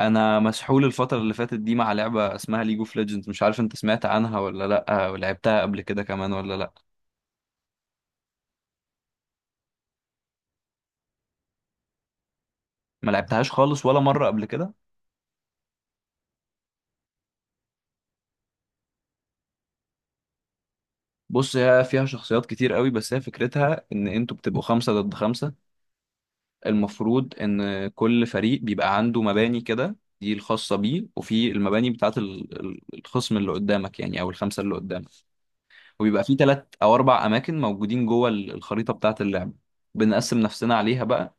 انا مسحول الفتره اللي فاتت دي مع لعبه اسمها ليج اوف ليجندز. مش عارف انت سمعت عنها ولا لا، ولعبتها قبل كده كمان ولا لا؟ ما لعبتهاش خالص ولا مره قبل كده. بص، هي فيها شخصيات كتير قوي، بس هي فكرتها ان انتوا بتبقوا خمسة ضد خمسة. المفروض ان كل فريق بيبقى عنده مباني كده دي الخاصة بيه، وفي المباني بتاعت الخصم اللي قدامك يعني، او الخمسة اللي قدامك. وبيبقى في ثلاث او اربع اماكن موجودين جوه الخريطة بتاعت اللعبة. بنقسم نفسنا عليها بقى.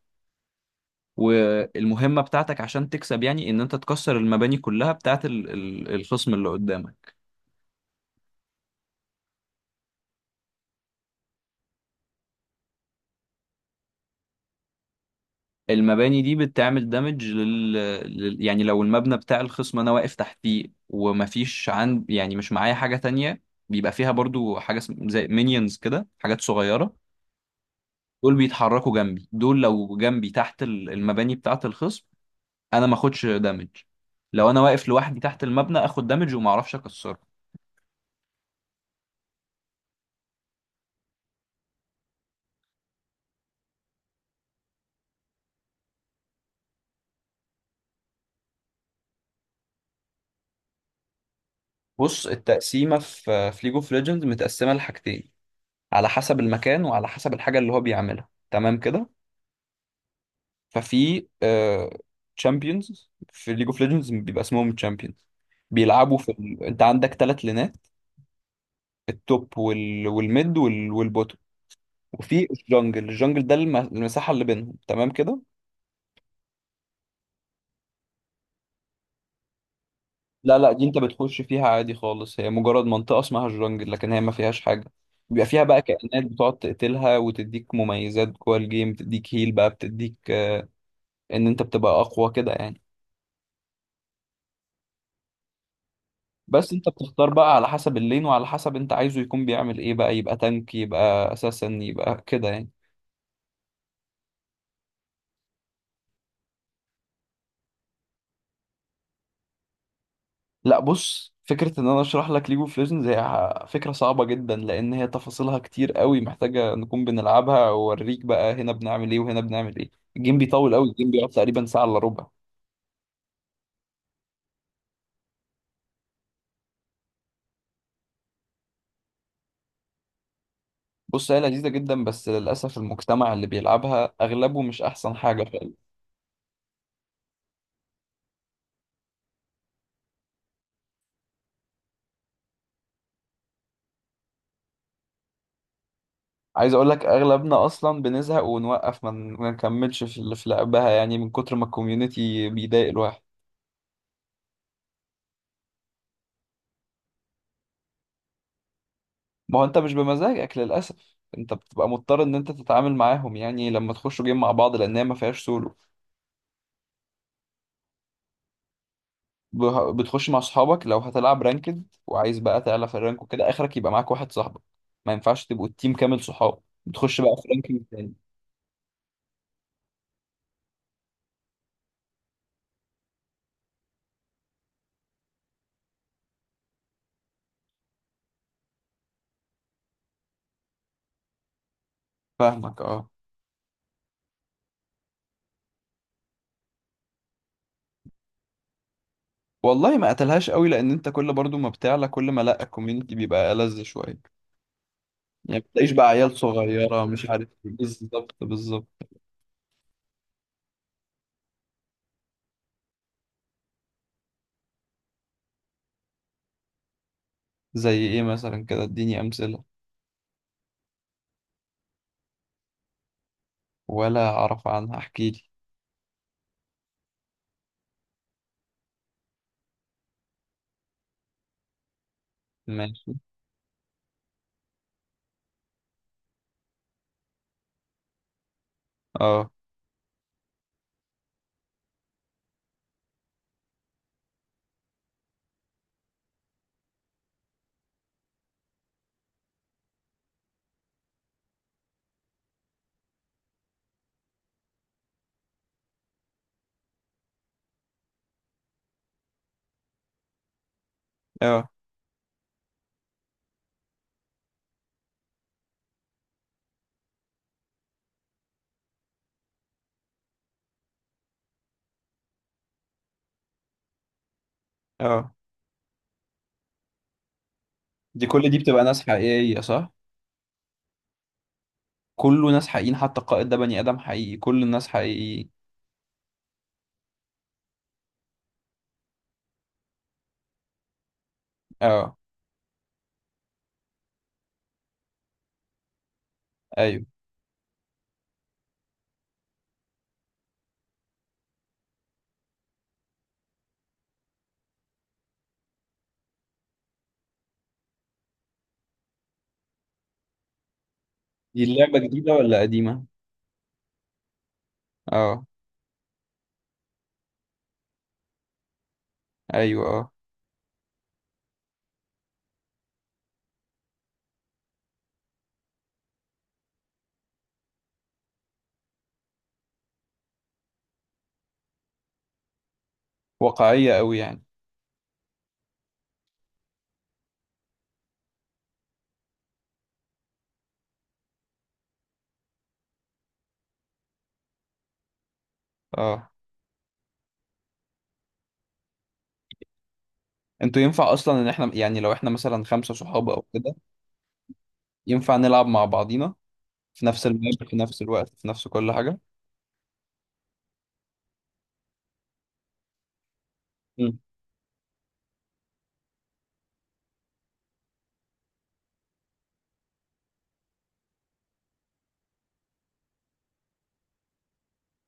والمهمة بتاعتك عشان تكسب يعني ان انت تكسر المباني كلها بتاعت الخصم اللي قدامك. المباني دي بتعمل دامج يعني لو المبنى بتاع الخصم انا واقف تحتيه ومفيش عند، يعني مش معايا حاجة تانية. بيبقى فيها برضو حاجة زي مينيونز كده، حاجات صغيرة. دول بيتحركوا جنبي، دول لو جنبي تحت المباني بتاعت الخصم انا ما اخدش دامج. لو انا واقف لوحدي تحت المبنى اخد دامج وما اعرفش اكسره. بص، التقسيمة في ليج اوف ليجندز متقسمة لحاجتين، على حسب المكان وعلى حسب الحاجة اللي هو بيعملها، تمام كده. ففي تشامبيونز، في ليج اوف ليجندز بيبقى اسمهم تشامبيونز. بيلعبوا في انت عندك ثلاث لينات: التوب والميد والبوتو. وفي الجنجل، الجنجل ده المساحة اللي بينهم، تمام كده. لا لا، دي انت بتخش فيها عادي خالص، هي مجرد منطقة اسمها الجنجل، لكن هي ما فيهاش حاجة. بيبقى فيها بقى كائنات بتقعد تقتلها وتديك مميزات جوه الجيم، بتديك هيل بقى، بتديك آه، ان انت بتبقى اقوى كده يعني. بس انت بتختار بقى على حسب اللين، وعلى حسب انت عايزه يكون بيعمل ايه، بقى يبقى تانك، يبقى اساسا، يبقى كده يعني. لا بص، فكرة ان انا اشرح لك ليج اوف ليجندز هي فكرة صعبة جدا، لان هي تفاصيلها كتير قوي، محتاجة نكون بنلعبها واوريك بقى هنا بنعمل ايه وهنا بنعمل ايه. الجيم بيطول قوي، الجيم بيقعد تقريبا ساعة الا ربع. بص، هي لذيذة جدا، بس للأسف المجتمع اللي بيلعبها أغلبه مش أحسن حاجة فعلا. عايز أقول لك أغلبنا أصلا بنزهق ونوقف، ما نكملش في لعبها، يعني من كتر ما الكوميونتي بيضايق الواحد. ما هو انت مش بمزاجك للاسف، انت بتبقى مضطر ان انت تتعامل معاهم يعني لما تخشوا جيم مع بعض، لان هي ما فيهاش سولو. بتخش مع اصحابك. لو هتلعب رانكد وعايز بقى تعلى في الرانك وكده، اخرك يبقى معاك واحد صاحبك، ما ينفعش تبقوا التيم كامل صحاب، بتخش بقى في رانكينج تاني. فاهمك، اه. والله ما قتلهاش قوي، لان انت كل برضو ما بتعلى، كل ما لا الكوميونتي بيبقى ألذ شويه. يعني بتلاقيش بقى عيال صغيره مش عارف إيه. بالظبط بالظبط. زي ايه مثلا كده، اديني امثله. ولا اعرف عنها، احكي لي. ماشي. اه. اه. اه، دي كل دي بتبقى ناس حقيقية صح؟ كله ناس حقيقيين، حتى القائد ده بني آدم حقيقي، كل الناس حقيقيين. اه، ايوه. دي اللعبة جديدة ولا قديمة؟ اه. ايوه. اه. واقعية قوي يعني. اه، انتوا ينفع اصلا ان احنا يعني لو احنا مثلا خمسة صحاب او كده، ينفع نلعب مع بعضينا في نفس الماب في نفس الوقت في نفس كل حاجة؟ مم. انت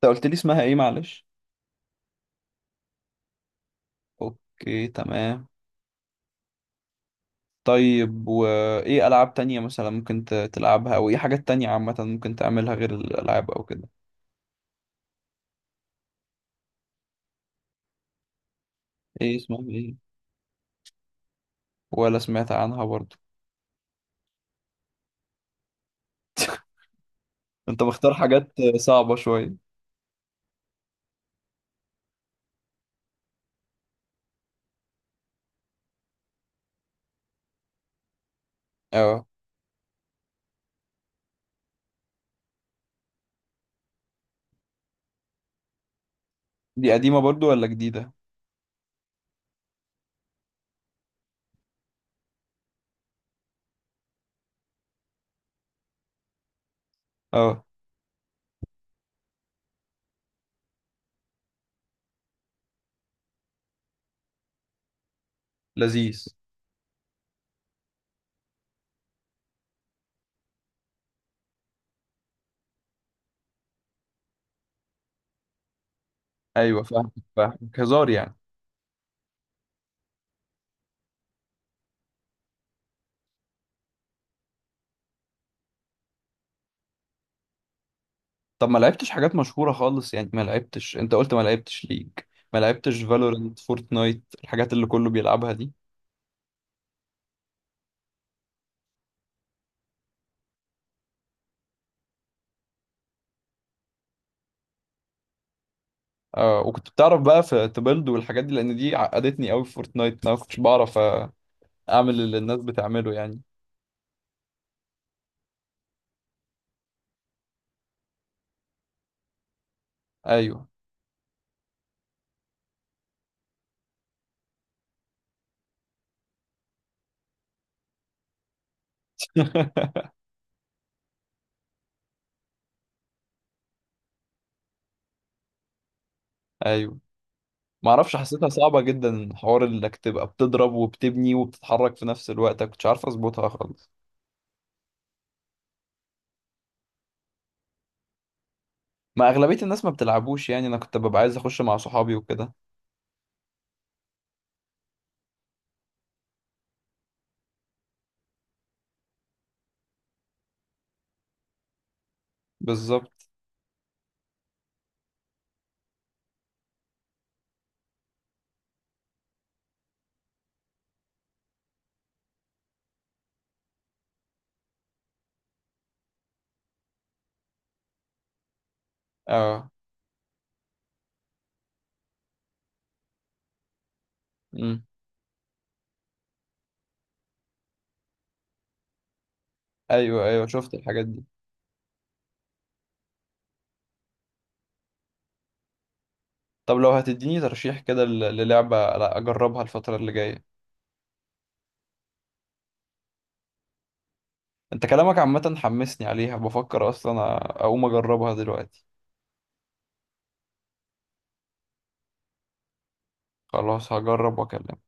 قلت لي اسمها ايه معلش؟ اوكي، تمام. طيب، وايه العاب تانية مثلا ممكن تلعبها، او ايه حاجات تانية عامة ممكن تعملها غير الالعاب او كده؟ ايه اسمها؟ ايه؟ ولا سمعت عنها برضو. انت مختار حاجات صعبة شوية. اه، دي قديمة برضو ولا جديدة؟ اه. لذيذ. ايوه فاهمك فاهمك، هزار يعني. طب ما لعبتش حاجات مشهورة خالص يعني؟ ما لعبتش، انت قلت ما لعبتش ليج، ما لعبتش فالورنت، فورتنايت، الحاجات اللي كله بيلعبها دي. اه، وكنت بتعرف بقى في تبلد والحاجات دي؟ لان دي عقدتني قوي في فورتنايت، انا ما كنتش بعرف اعمل اللي الناس بتعمله يعني. ايوه. ايوه. ما اعرفش، حسيتها صعبه جدا، حوار انك تبقى بتضرب وبتبني وبتتحرك في نفس الوقت أنا كنتش عارف اظبطها خالص. ما اغلبيه الناس ما بتلعبوش يعني، انا كنت ببقى عايز اخش مع صحابي وكده. بالظبط. اه. امم. ايوه ايوه، شفت الحاجات دي. طب لو هتديني ترشيح كده للعبه لا اجربها الفتره اللي جايه؟ انت كلامك عامه حمسني عليها، بفكر اصلا اقوم اجربها دلوقتي. خلاص هجرب واكلمك.